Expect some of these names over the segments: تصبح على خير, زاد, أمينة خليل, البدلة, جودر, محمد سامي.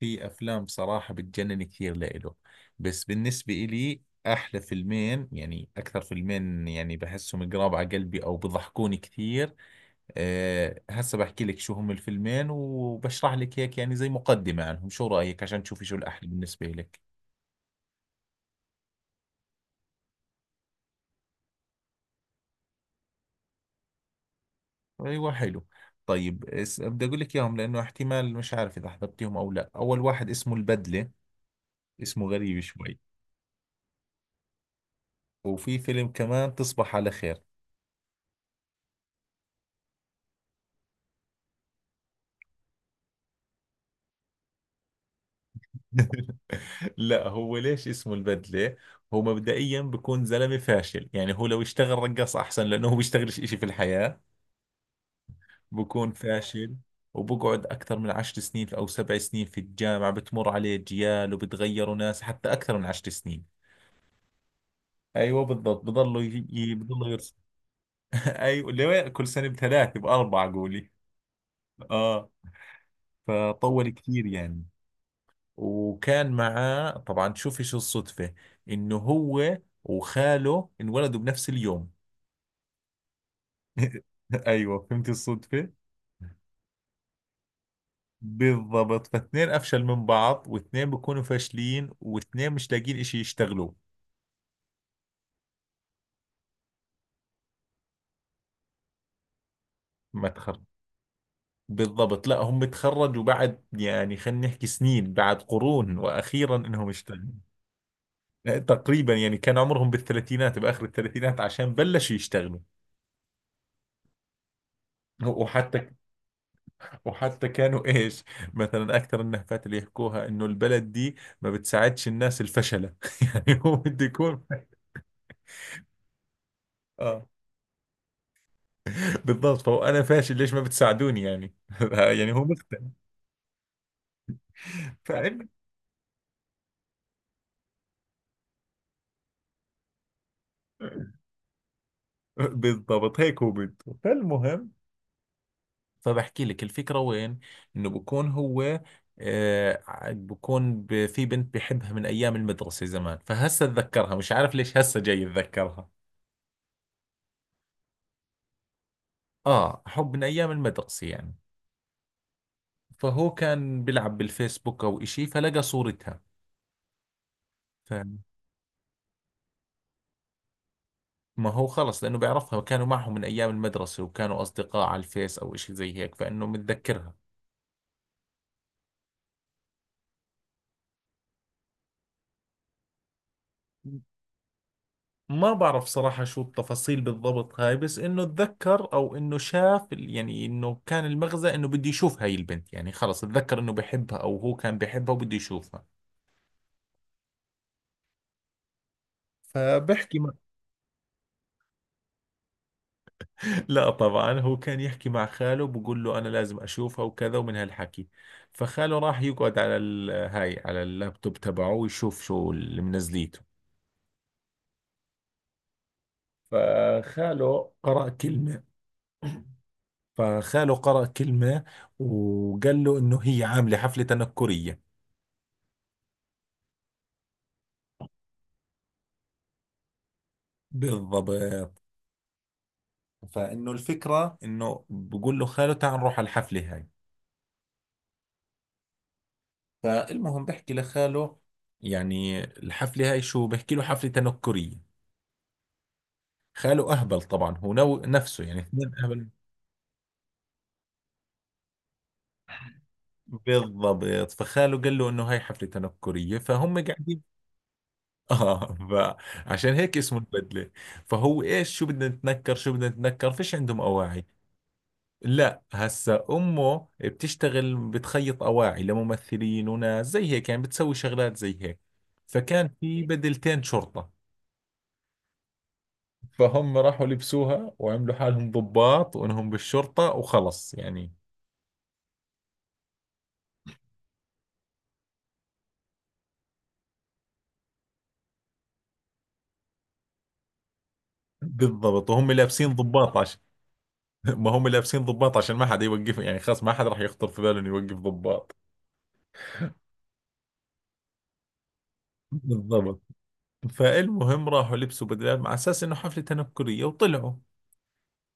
في افلام بصراحة بتجنن كثير لإله، بس بالنسبة إلي احلى فيلمين، يعني اكثر فيلمين يعني بحسهم قراب على قلبي او بضحكوني كثير. هسه بحكي لك شو هم الفيلمين وبشرح لك هيك، يعني زي مقدمة عنهم. شو رأيك عشان تشوفي شو الاحلى بالنسبة لك؟ ايوه حلو. طيب، بدي اقول لك اياهم لانه احتمال مش عارف اذا حضرتيهم او لا. اول واحد اسمه البدلة، اسمه غريب شوي. وفي فيلم كمان تصبح على خير. لا، هو ليش اسمه البدلة؟ هو مبدئيا بكون زلمة فاشل، يعني هو لو اشتغل رقاص أحسن، لأنه هو بيشتغلش إشي في الحياة، بكون فاشل. وبقعد أكثر من 10 سنين أو 7 سنين في الجامعة، بتمر عليه أجيال وبتغيروا ناس، حتى أكثر من 10 سنين. أيوة بالضبط، بضلوا يرسم. أيوة ليه؟ كل سنة بـ3 بـ4 قولي. آه، فطول كثير يعني. وكان معاه طبعا، تشوفي شو الصدفة، انه هو وخاله انولدوا بنفس اليوم. ايوه فهمتي الصدفة. بالضبط، فاثنين افشل من بعض، واثنين بيكونوا فاشلين، واثنين مش لاقيين اشي يشتغلوه. مدخل. بالضبط، لا هم تخرجوا بعد، يعني خلينا نحكي سنين بعد قرون واخيرا انهم اشتغلوا. تقريبا يعني كان عمرهم بالثلاثينات، باخر الثلاثينات عشان بلشوا يشتغلوا. وحتى وحتى كانوا ايش. مثلا اكثر النهفات اللي يحكوها، انه البلد دي ما بتساعدش الناس الفشلة. يعني هو بده يكون. اه بالضبط، فهو انا فاشل ليش ما بتساعدوني يعني. يعني هو مختل. فعلا بالضبط، هيك هو بده. فالمهم، فبحكي لك الفكرة وين. انه بكون هو في بنت بحبها من ايام المدرسة زمان، فهسه اتذكرها مش عارف ليش هسه جاي اتذكرها. اه، حب من ايام المدرسة يعني. فهو كان بيلعب بالفيسبوك او إشي فلقى صورتها. فما هو خلص لانه بيعرفها، كانوا معهم من ايام المدرسة وكانوا اصدقاء على الفيس او إشي زي هيك، فانه متذكرها. ما بعرف صراحة شو التفاصيل بالضبط هاي، بس انه اتذكر، او انه شاف يعني انه كان المغزى انه بده يشوف هاي البنت، يعني خلص اتذكر انه بحبها، او هو كان بحبها وبده يشوفها. فبحكي. لا طبعا، هو كان يحكي مع خاله بقول له انا لازم اشوفها وكذا، ومن هالحكي فخاله راح يقعد على هاي على اللابتوب تبعه، ويشوف شو اللي منزليته. فخاله قرأ كلمة فخاله قرأ كلمة، وقال له انه هي عاملة حفلة تنكرية. بالضبط، فانه الفكرة انه بقول له خاله تعال نروح على الحفلة هاي. فالمهم بحكي لخاله، يعني الحفلة هاي شو، بحكي له حفلة تنكرية. خاله أهبل طبعا، هو نو نفسه، يعني اثنين أهبل. بالضبط، فخاله قال له إنه هاي حفلة تنكرية، فهم قاعدين. آه، فعشان هيك اسمه البدلة. فهو إيش شو بدنا نتنكر، شو بدنا نتنكر، فيش عندهم أواعي. لا، هسا أمه بتشتغل بتخيط أواعي لممثلين وناس زي هيك، يعني بتسوي شغلات زي هيك. فكان في بدلتين شرطة. فهم راحوا لبسوها وعملوا حالهم ضباط، وإنهم بالشرطة وخلص يعني. بالضبط وهم لابسين ضباط. ما هم لابسين ضباط عشان ما حد يوقف، يعني خلاص ما حد راح يخطر في باله انه يوقف ضباط. بالضبط. فالمهم راحوا لبسوا بدلات مع اساس انه حفله تنكريه وطلعوا.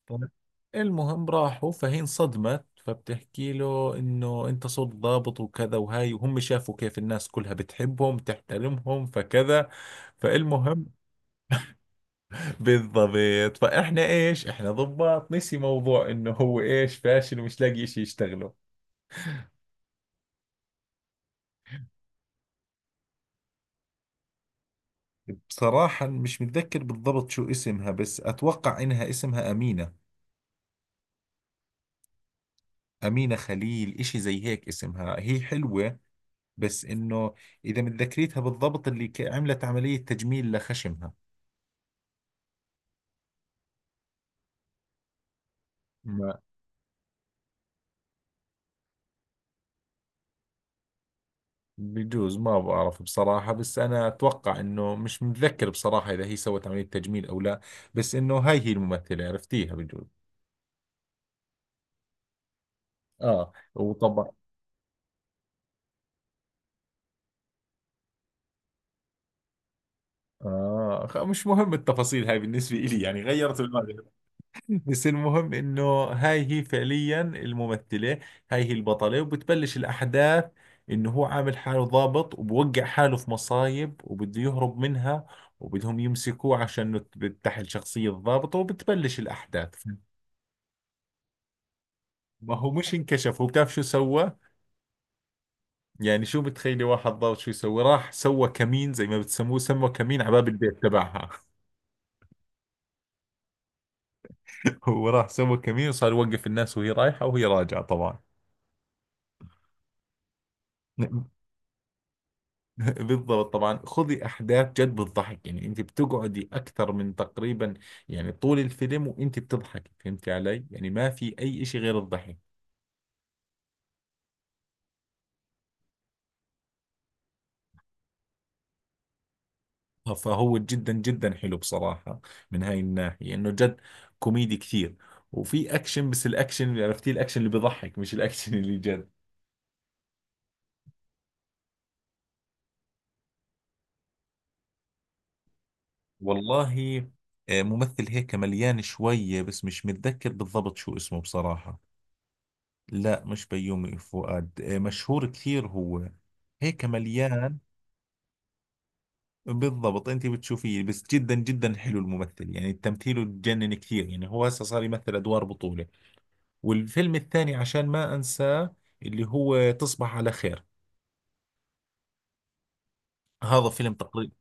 طيب. المهم راحوا، فهي انصدمت، فبتحكي له انه انت صرت ضابط وكذا وهاي، وهم شافوا كيف الناس كلها بتحبهم تحترمهم فكذا. فالمهم، بالضبط، فاحنا ايش احنا ضباط، نسي موضوع انه هو ايش فاشل ومش لاقي شيء يشتغله. بصراحة مش متذكر بالضبط شو اسمها، بس أتوقع إنها اسمها أمينة، أمينة خليل، إشي زي هيك اسمها، هي حلوة. بس إنه، إذا متذكريتها بالضبط، عملت عملية تجميل لخشمها. ما بجوز، ما بعرف بصراحة، بس أنا أتوقع إنه مش متذكر بصراحة إذا هي سوت عملية تجميل أو لا. بس إنه هاي هي الممثلة، عرفتيها بجوز؟ آه وطبعا. مش مهم التفاصيل هاي بالنسبة إلي، يعني غيرت الماضي. بس المهم انه هاي هي فعليا الممثلة، هاي هي البطلة وبتبلش الاحداث. انه هو عامل حاله ضابط، وبوقع حاله في مصايب وبده يهرب منها، وبدهم يمسكوه عشان تحل شخصية الضابط، وبتبلش الاحداث. ما هو مش انكشف، هو بتعرف شو سوى. يعني شو بتخيلي واحد ضابط شو يسوي؟ راح سوى كمين، زي ما بتسموه، سموا كمين على باب البيت تبعها. هو راح سوى كمين وصار يوقف الناس وهي رايحة وهي راجعة طبعا. بالضبط طبعا، خذي احداث جد بتضحك، يعني انت بتقعدي اكثر من تقريبا، يعني طول الفيلم وانت بتضحكي، فهمتي علي؟ يعني ما في اي اشي غير الضحك. فهو جدا جدا حلو بصراحة من هاي الناحية، انه جد كوميدي كثير. وفي اكشن، بس الاكشن عرفتي، الاكشن اللي بضحك مش الاكشن اللي جد. والله، آه، ممثل هيك مليان شوية، بس مش متذكر بالضبط شو اسمه بصراحة. لا مش بيومي فؤاد، آه، مشهور كثير هو، هيك مليان. بالضبط انت بتشوفيه، بس جدا جدا حلو الممثل، يعني تمثيله تجنن كثير، يعني هو هسه صار يمثل ادوار بطولة. والفيلم الثاني عشان ما انساه، اللي هو تصبح على خير. هذا فيلم تقريبا،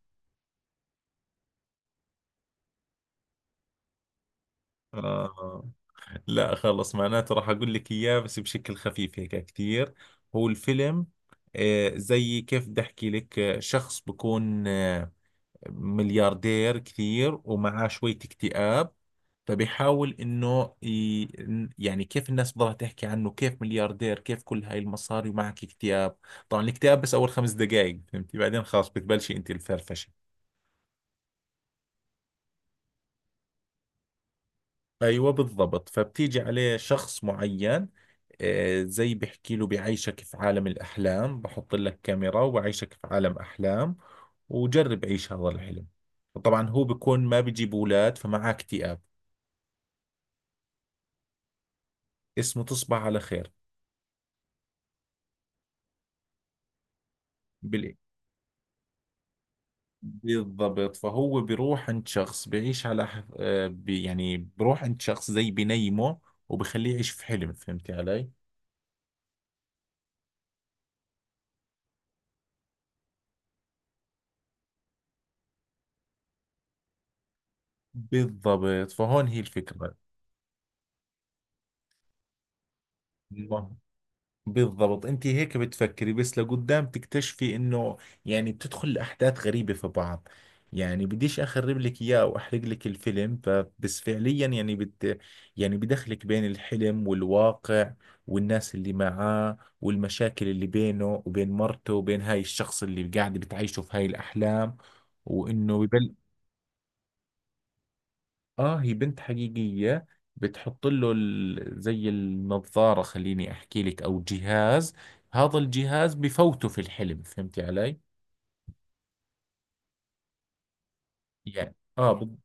آه لا خلص، معناته راح اقول لك اياه بس بشكل خفيف هيك كثير. هو الفيلم، زي كيف بدي احكي لك، شخص بكون ملياردير كثير ومعاه شوية اكتئاب. فبيحاول انه ي... يعني كيف الناس بتضلها تحكي عنه، كيف ملياردير، كيف كل هاي المصاري ومعك اكتئاب. طبعا الاكتئاب بس اول 5 دقائق، فهمتي، بعدين خلاص بتبلشي انت الفرفشه. ايوه بالضبط، فبتيجي عليه شخص معين، زي بحكي له بعيشك في عالم الأحلام، بحط لك كاميرا وبعيشك في عالم أحلام، وجرب عيش هذا الحلم. طبعا هو بيكون ما بيجيب أولاد فمعاه اكتئاب. اسمه تصبح على خير. بال... بالضبط، فهو بيروح عند شخص بيعيش على ح- آه، بي يعني بيروح عند شخص زي بنيمه، وبخليه يعيش في حلم، فهمتي علي؟ بالضبط، فهون هي الفكرة. بالضبط انت هيك بتفكري، بس لقدام تكتشفي انه، يعني بتدخل احداث غريبة في بعض. يعني بديش اخرب لك اياه واحرق لك الفيلم، فبس فعليا يعني بت يعني بدخلك بين الحلم والواقع، والناس اللي معاه، والمشاكل اللي بينه وبين مرته، وبين هاي الشخص اللي قاعد بتعيشه في هاي الاحلام. وانه اه، هي بنت حقيقية. بتحط له زي النظارة خليني احكي لك، او جهاز، هذا الجهاز بفوته في الحلم، فهمتي علي؟ يعني اه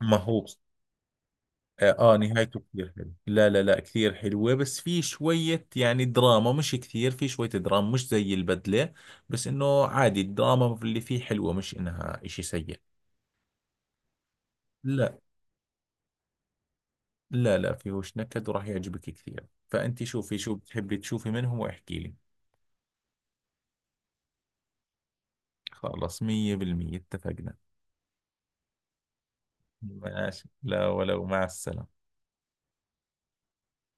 ما هو. اه، آه، نهايته كثير حلوة، لا لا لا، كثير حلوة، بس في شوية يعني دراما، مش كثير، في شوية دراما مش زي البدلة. بس انه عادي الدراما اللي فيه حلوة، مش انها اشي سيء. لا، لا لا فيهوش نكد، وراح يعجبك كثير. فانت شوفي شو بتحبي تشوفي منهم واحكي لي. خلاص، 100% اتفقنا. ماشي، لا ولو، مع السلامة.